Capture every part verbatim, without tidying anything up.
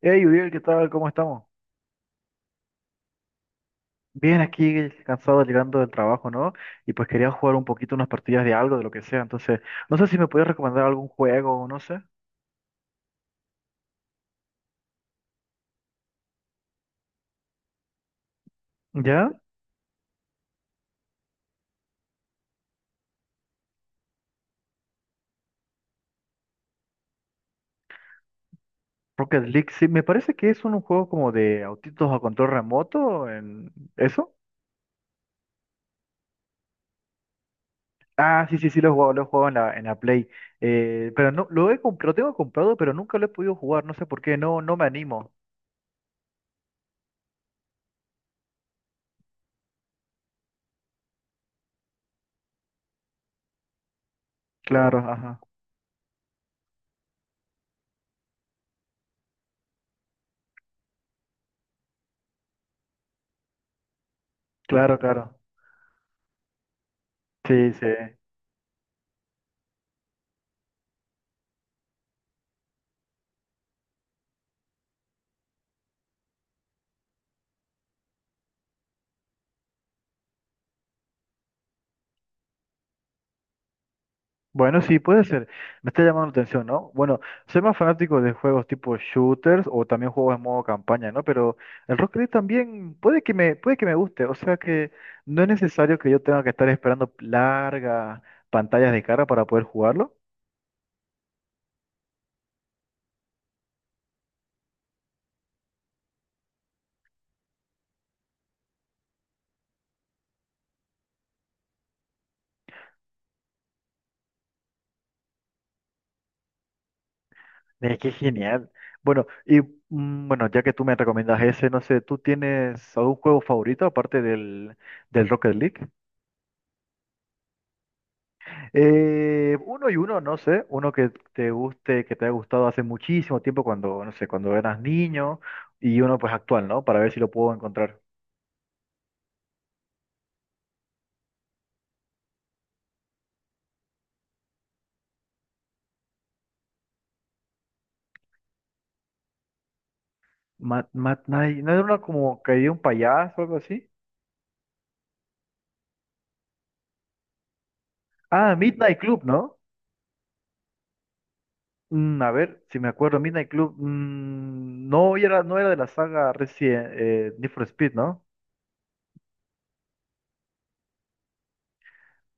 Hey, Uriel, ¿qué tal? ¿Cómo estamos? Bien, aquí cansado llegando del trabajo, ¿no? Y pues quería jugar un poquito unas partidas de algo, de lo que sea. Entonces, no sé si me puedes recomendar algún juego, no sé. ¿Ya? Rocket League, sí, me parece que es un, un juego como de autitos a control remoto, en ¿eso? Ah, sí, sí, sí, lo he jugado, lo he jugado en la, en la Play. Eh, pero no, lo he, comp- lo tengo comprado, pero nunca lo he podido jugar, no sé por qué, no, no me animo. Claro, ajá, claro, claro. Sí, sí. Bueno, sí, puede ser. Me está llamando la atención, ¿no? Bueno, soy más fanático de juegos tipo shooters o también juegos en modo campaña, ¿no? Pero el Rocket League también puede que me, puede que me guste. O sea que no es necesario que yo tenga que estar esperando largas pantallas de cara para poder jugarlo. Mira, qué genial. Bueno, y mm, bueno, ya que tú me recomiendas ese, no sé, ¿tú tienes algún juego favorito aparte del, del Rocket League? Eh, uno y uno, no sé, uno que te guste, que te haya gustado hace muchísimo tiempo cuando, no sé, cuando eras niño y uno pues actual, ¿no? Para ver si lo puedo encontrar. Mad, Mad Night, ¿no era uno como que había un payaso o algo así? Ah, Midnight Club, ¿no? Mm, a ver, si me acuerdo, Midnight Club, mm, no era, no era de la saga Resident, eh, Need for Speed, ¿no?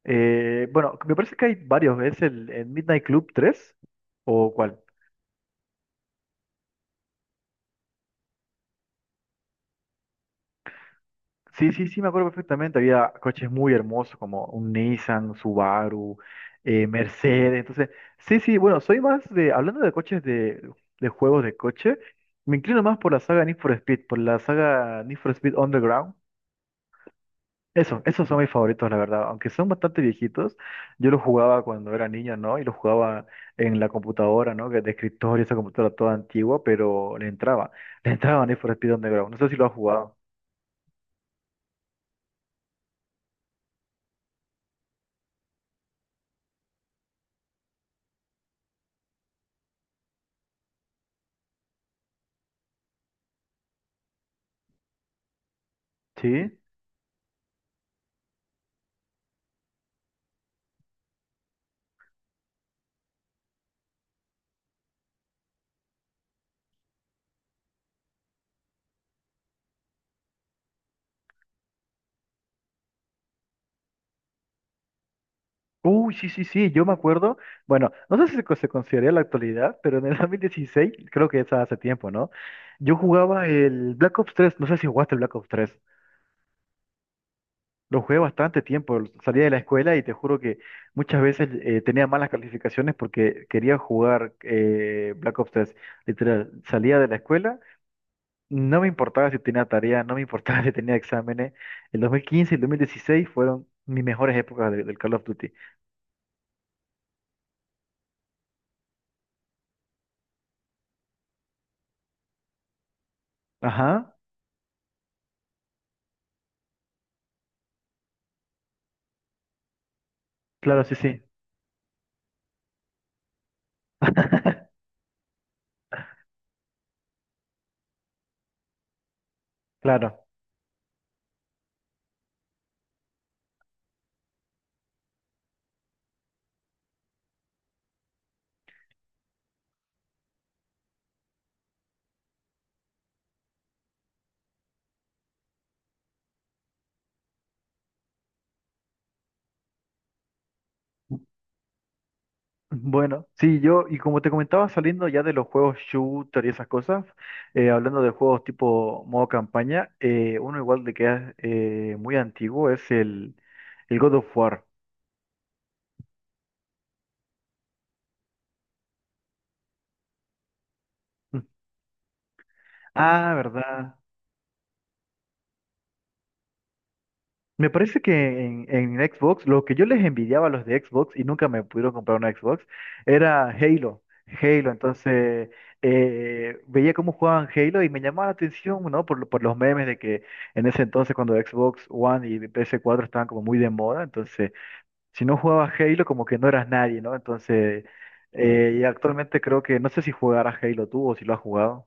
Eh, bueno, me parece que hay varios, ¿es el, el Midnight Club tres o cuál? Sí, sí, sí, me acuerdo perfectamente. Había coches muy hermosos como un Nissan, Subaru, eh, Mercedes. Entonces, sí, sí, bueno, soy más de, hablando de coches de, de juegos de coche, me inclino más por la saga Need for Speed, por la saga Need for Speed Underground. Eso, esos son mis favoritos, la verdad. Aunque son bastante viejitos, yo los jugaba cuando era niño, ¿no? Y los jugaba en la computadora, ¿no? Que de escritorio, esa computadora toda antigua, pero le entraba. Le entraba Need for Speed Underground. No sé si lo has jugado. Sí. Uy, sí, sí, sí, yo me acuerdo. Bueno, no sé si se, co- se consideraría la actualidad, pero en el dos mil dieciséis, creo que es hace tiempo, ¿no? Yo jugaba el Black Ops tres, no sé si jugaste el Black Ops tres. Lo jugué bastante tiempo, salía de la escuela y te juro que muchas veces eh, tenía malas calificaciones porque quería jugar eh, Black Ops tres. Literal, salía de la escuela, no me importaba si tenía tarea, no me importaba si tenía exámenes. El dos mil quince y el dos mil dieciséis fueron mis mejores épocas de- del Call of Duty. Ajá, claro, sí, sí. Claro. Bueno, sí, yo, y como te comentaba, saliendo ya de los juegos shooter y esas cosas, eh, hablando de juegos tipo modo campaña, eh, uno igual de que es eh, muy antiguo es el, el God of War. Ah, ¿verdad? Me parece que en, en Xbox, lo que yo les envidiaba a los de Xbox y nunca me pudieron comprar una Xbox, era Halo. Halo, entonces eh, veía cómo jugaban Halo y me llamaba la atención, ¿no? Por, lo- por los memes de que en ese entonces cuando Xbox One y P S cuatro estaban como muy de moda, entonces si no jugabas Halo como que no eras nadie, ¿no? Entonces, eh, y actualmente creo que, no sé si jugarás Halo tú o si lo has jugado.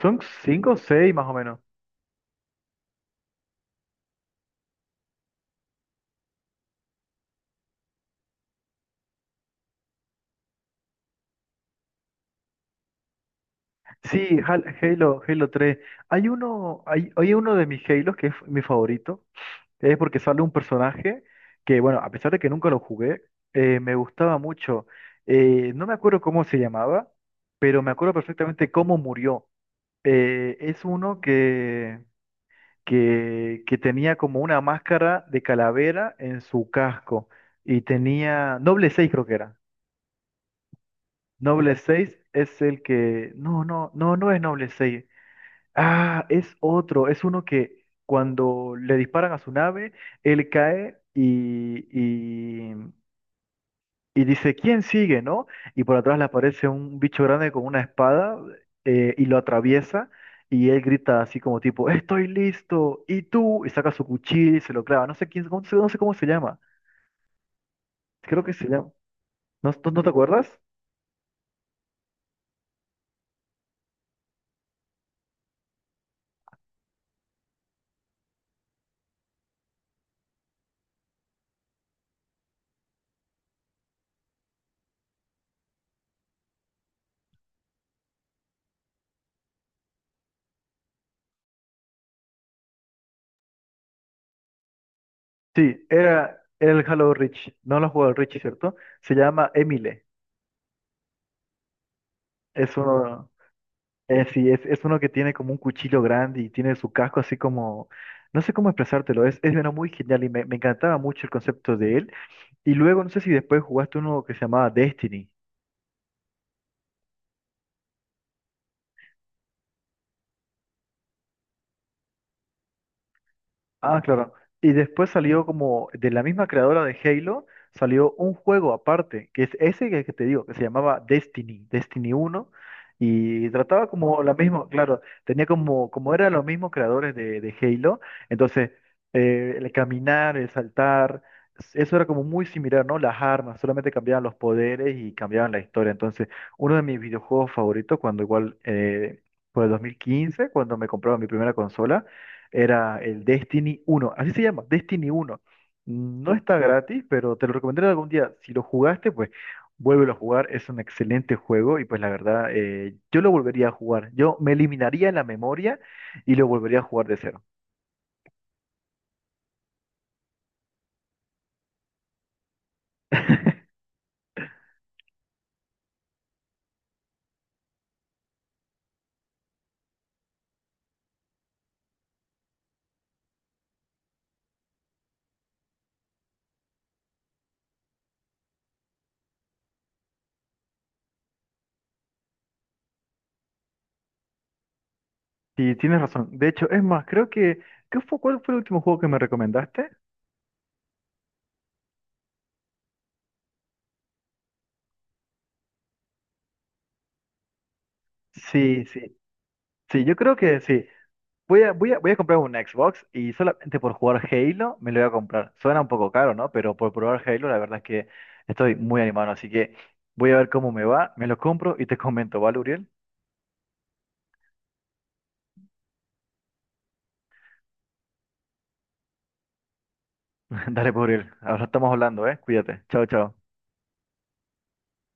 Son cinco o seis más o menos. Sí, Hal- Halo, Halo tres. Hay uno, hay, hay uno de mis Halos que es mi favorito, que es porque sale un personaje que, bueno, a pesar de que nunca lo jugué, eh, me gustaba mucho. Eh, no me acuerdo cómo se llamaba, pero me acuerdo perfectamente cómo murió. Eh, es uno que, que, que tenía como una máscara de calavera en su casco y tenía, Noble seis creo que era. Noble seis es el que, no, no, no, no es Noble seis. Ah, es otro, es uno que cuando le disparan a su nave, él cae y, y, y dice, ¿quién sigue, no? Y por atrás le aparece un bicho grande con una espada eh, y lo atraviesa y él grita así como tipo, estoy listo, ¿y tú? Y saca su cuchillo y se lo clava, no sé quién, no sé, no sé cómo se llama, creo que se llama, ¿no, no- no te acuerdas? Sí, era, era el Halo Reach, no lo jugó el Reach, ¿cierto? Se llama Emile, es uno. Eh, sí, es, es uno que tiene como un cuchillo grande y tiene su casco así como, no sé cómo expresártelo, es, es uno muy genial y me, me encantaba mucho el concepto de él. Y luego, no sé si después jugaste uno que se llamaba Destiny. Ah, claro. Y después salió como de la misma creadora de Halo, salió un juego aparte, que es ese que que te digo, que se llamaba Destiny, Destiny uno, y trataba como la misma, claro, tenía como, como eran los mismos creadores de, de Halo, entonces eh, el caminar, el saltar, s- eso era como muy similar, ¿no? Las armas, solamente cambiaban los poderes y cambiaban la historia. Entonces, uno de mis videojuegos favoritos, cuando igual, eh, por el dos mil quince cuando me compraba mi primera consola, era el Destiny uno. Así se llama, Destiny uno. No está gratis, pero te lo recomendaré algún día. Si lo jugaste, pues vuélvelo a jugar. Es un excelente juego y pues la verdad, eh, yo lo volvería a jugar. Yo me eliminaría la memoria y lo volvería a jugar de cero. Sí, tienes razón. De hecho, es más, creo que... ¿qué fue, cuál fue el último juego que me recomendaste? Sí, sí. Sí, yo creo que sí. Voy a, voy a, voy a comprar un Xbox y solamente por jugar Halo me lo voy a comprar. Suena un poco caro, ¿no? Pero por probar Halo, la verdad es que estoy muy animado, así que voy a ver cómo me va, me lo compro y te comento, ¿vale, Uriel? Dale, pues, Uriel. Ahora estamos hablando, ¿eh? Cuídate. Chao, chao.